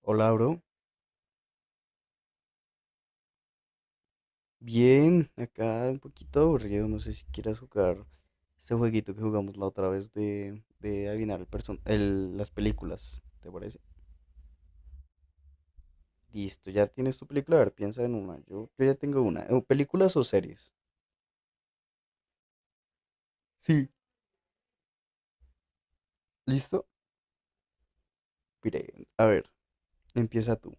Hola, bro. Bien, acá un poquito aburrido. No sé si quieras jugar este jueguito que jugamos la otra vez de adivinar las películas. ¿Te parece? Listo, ya tienes tu película. A ver, piensa en una. Yo ya tengo una. ¿Películas o series? Sí, ¿listo? Pire, a ver, empieza tú.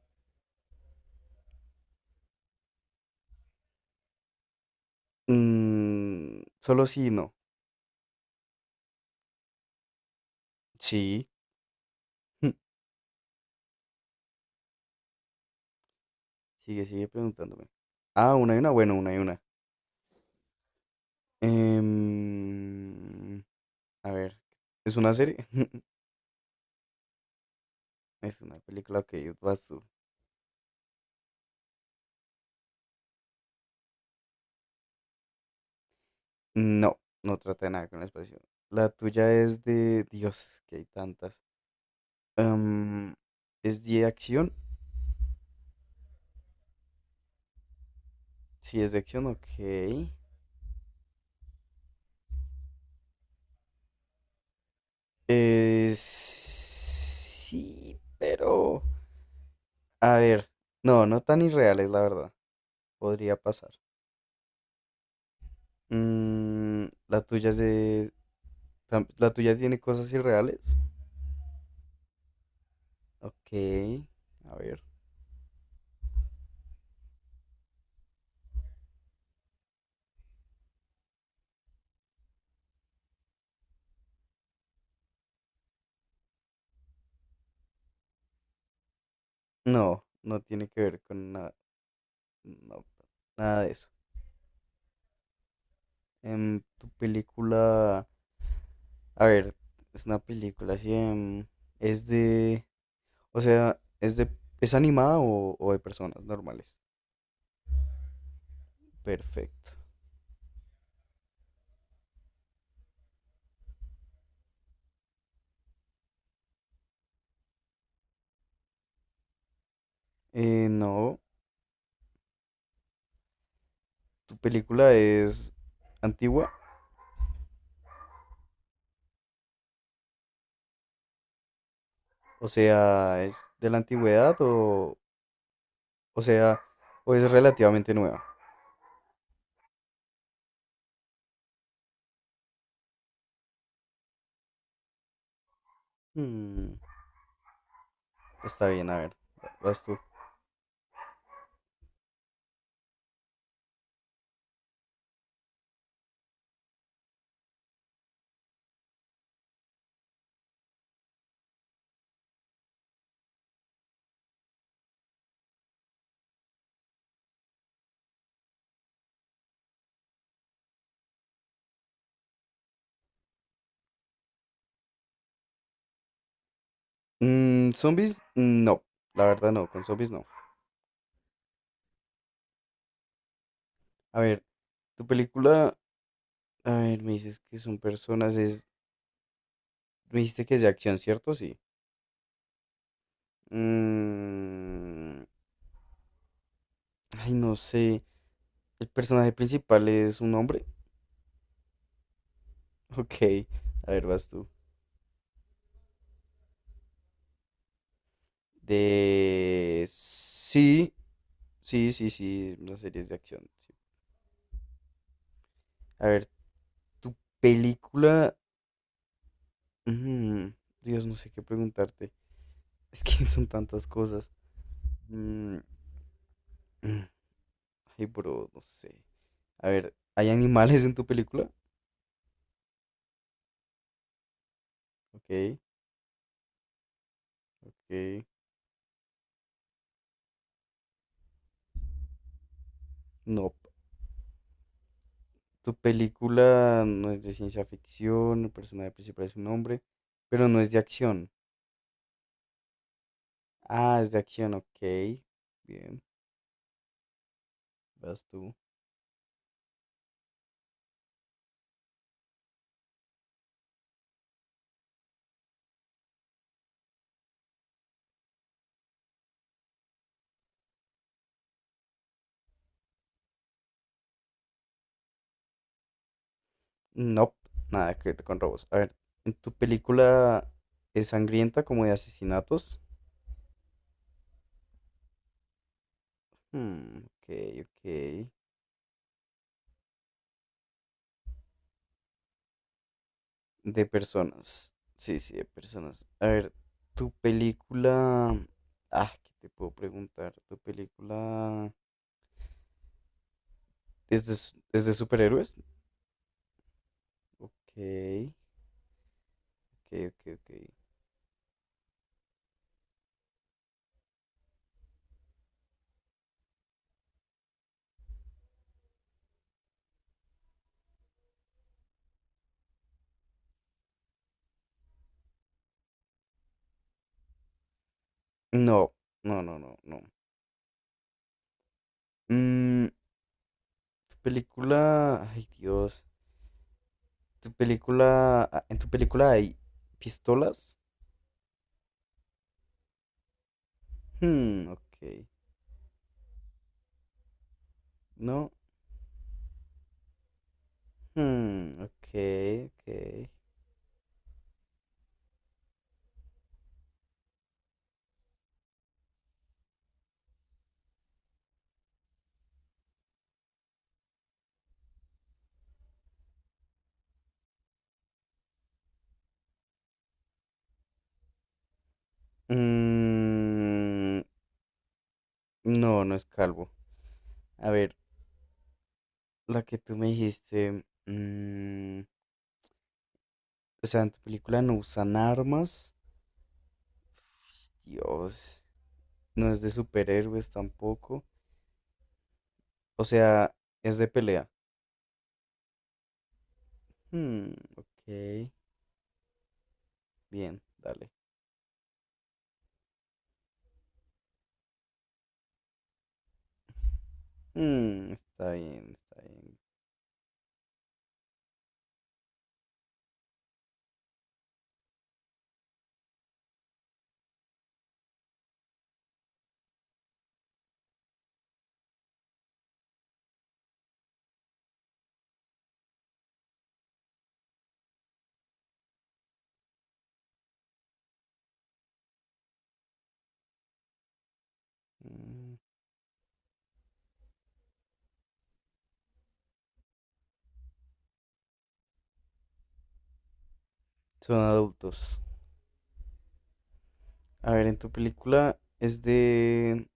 Mm, solo sí y no. Sí. Sigue preguntándome. Ah, una y una. Bueno, una y una. Em, a ver, ¿es una serie? Es una película que vas tú. No, no trata de nada con el espacio. La tuya es de. Dios, es que hay tantas. Am, es de acción. Sí, es de acción, ok. Es. Sí, pero. A ver. No, no tan irreales, la verdad. Podría pasar. Mm, la tuya es de. La tuya tiene cosas irreales. Ok. A ver. No, no tiene que ver con nada. No, nada de eso. Tu película, a ver, es una película así, es de, o sea, es de, es animada o de personas normales. Perfecto. No, tu película es antigua, o sea, es de la antigüedad o sea, o es relativamente nueva. Mm, está bien, a ver, vas tú. Mm, zombies, no, la verdad no, con zombies no. A ver, tu película, a ver, me dices que son personas, es Me dijiste que es de acción, ¿cierto? Sí. Mm, ay, no sé. ¿El personaje principal es un hombre? Ok. A ver, vas tú. De... Sí, sí, sí, sí. Las series de acción. Sí. A ver, tu película... mm, Dios, no sé qué preguntarte. Es que son tantas cosas. Mm, mm, ay, bro, no sé. A ver, ¿hay animales en tu película? Ok, ok. No. Tu película no es de ciencia ficción, el personaje principal es un hombre, pero no es de acción. Ah, es de acción, ok. Bien, vas tú. No, nada que ver con robos. A ver, ¿en tu película es sangrienta como de asesinatos? Hmm, ok, ok. De personas. Sí, sí, de personas. A ver, tu película... Ah, ¿qué te puedo preguntar? ¿Tu película es de, es de superhéroes? Ok, ok, ok, ok. No, no, no, no, no. Mm, tu película, ay Dios, tu película, ah, en tu película hay pistolas. Hmm, ok, no, hmm, ok, ok. Mm, no, no es calvo. A ver, la que tú me dijiste, mm, o sea, en tu película no usan armas. Dios, no es de superhéroes tampoco. O sea, es de pelea. Hmm, ok. Bien, dale. Mm, está bien, está bien. Mm, son adultos. A ver, en tu película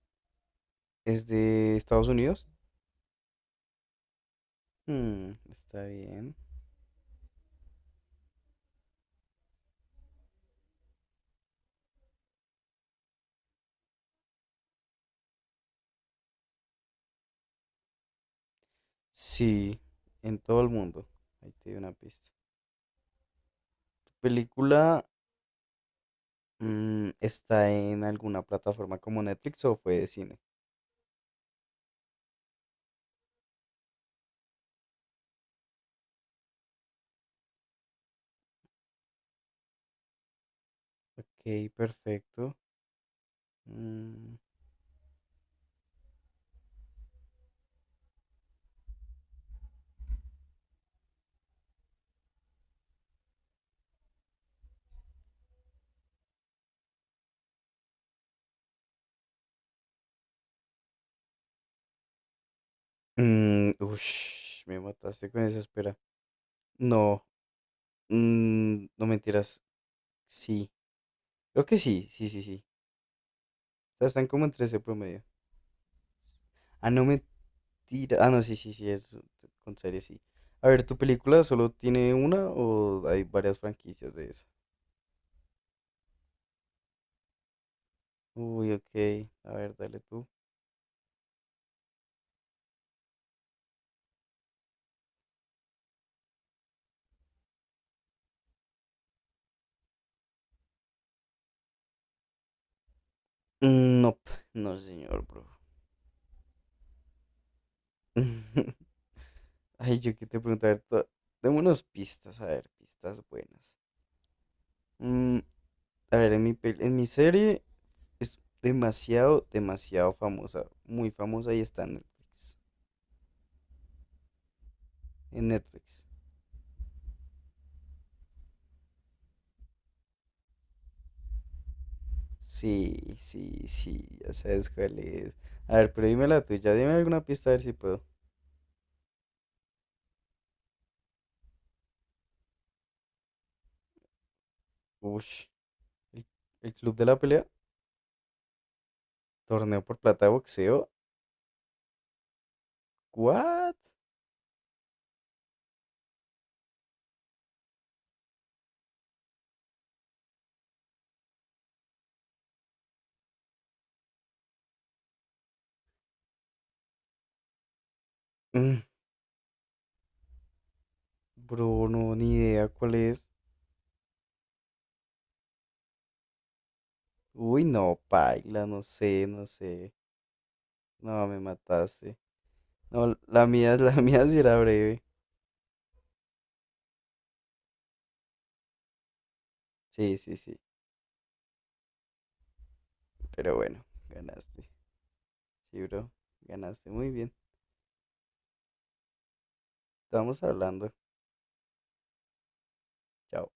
es de Estados Unidos. Mm, está bien. Sí, en todo el mundo. Ahí te doy una pista. ¿Tu película está en alguna plataforma como Netflix o fue de cine? Ok, perfecto. Mm, mm, ush, me mataste con esa espera. No, no mentiras. Sí, creo que sí, sí, sí, sí. O sea, están como en 13 promedio. Ah, no mentira. Ah, no, sí, sí, sí, es con serie, sí. A ver, ¿tu película solo tiene una o hay varias franquicias de esa? Uy, ok. A ver, dale tú. Mm, no, no, señor, bro. Ay, yo que te preguntar. Dame unas pistas, a ver, pistas buenas. Mm, a ver, en en mi serie es demasiado, demasiado famosa. Muy famosa y está en Netflix. En Netflix. Sí, sí, sí, ya sabes cuál es. A ver, pero dime la tuya, dime alguna pista a ver si puedo. Ush, el, el club de la pelea, torneo por plata de boxeo. ¿What? Mm, bro, no, ni idea cuál es. Uy, no, paila, no sé, no sé. No, me mataste. No, la mía, la mía sí era breve. Sí, sí, sí. Pero bueno, ganaste. Sí, bro, ganaste muy bien. Estamos hablando. Chao.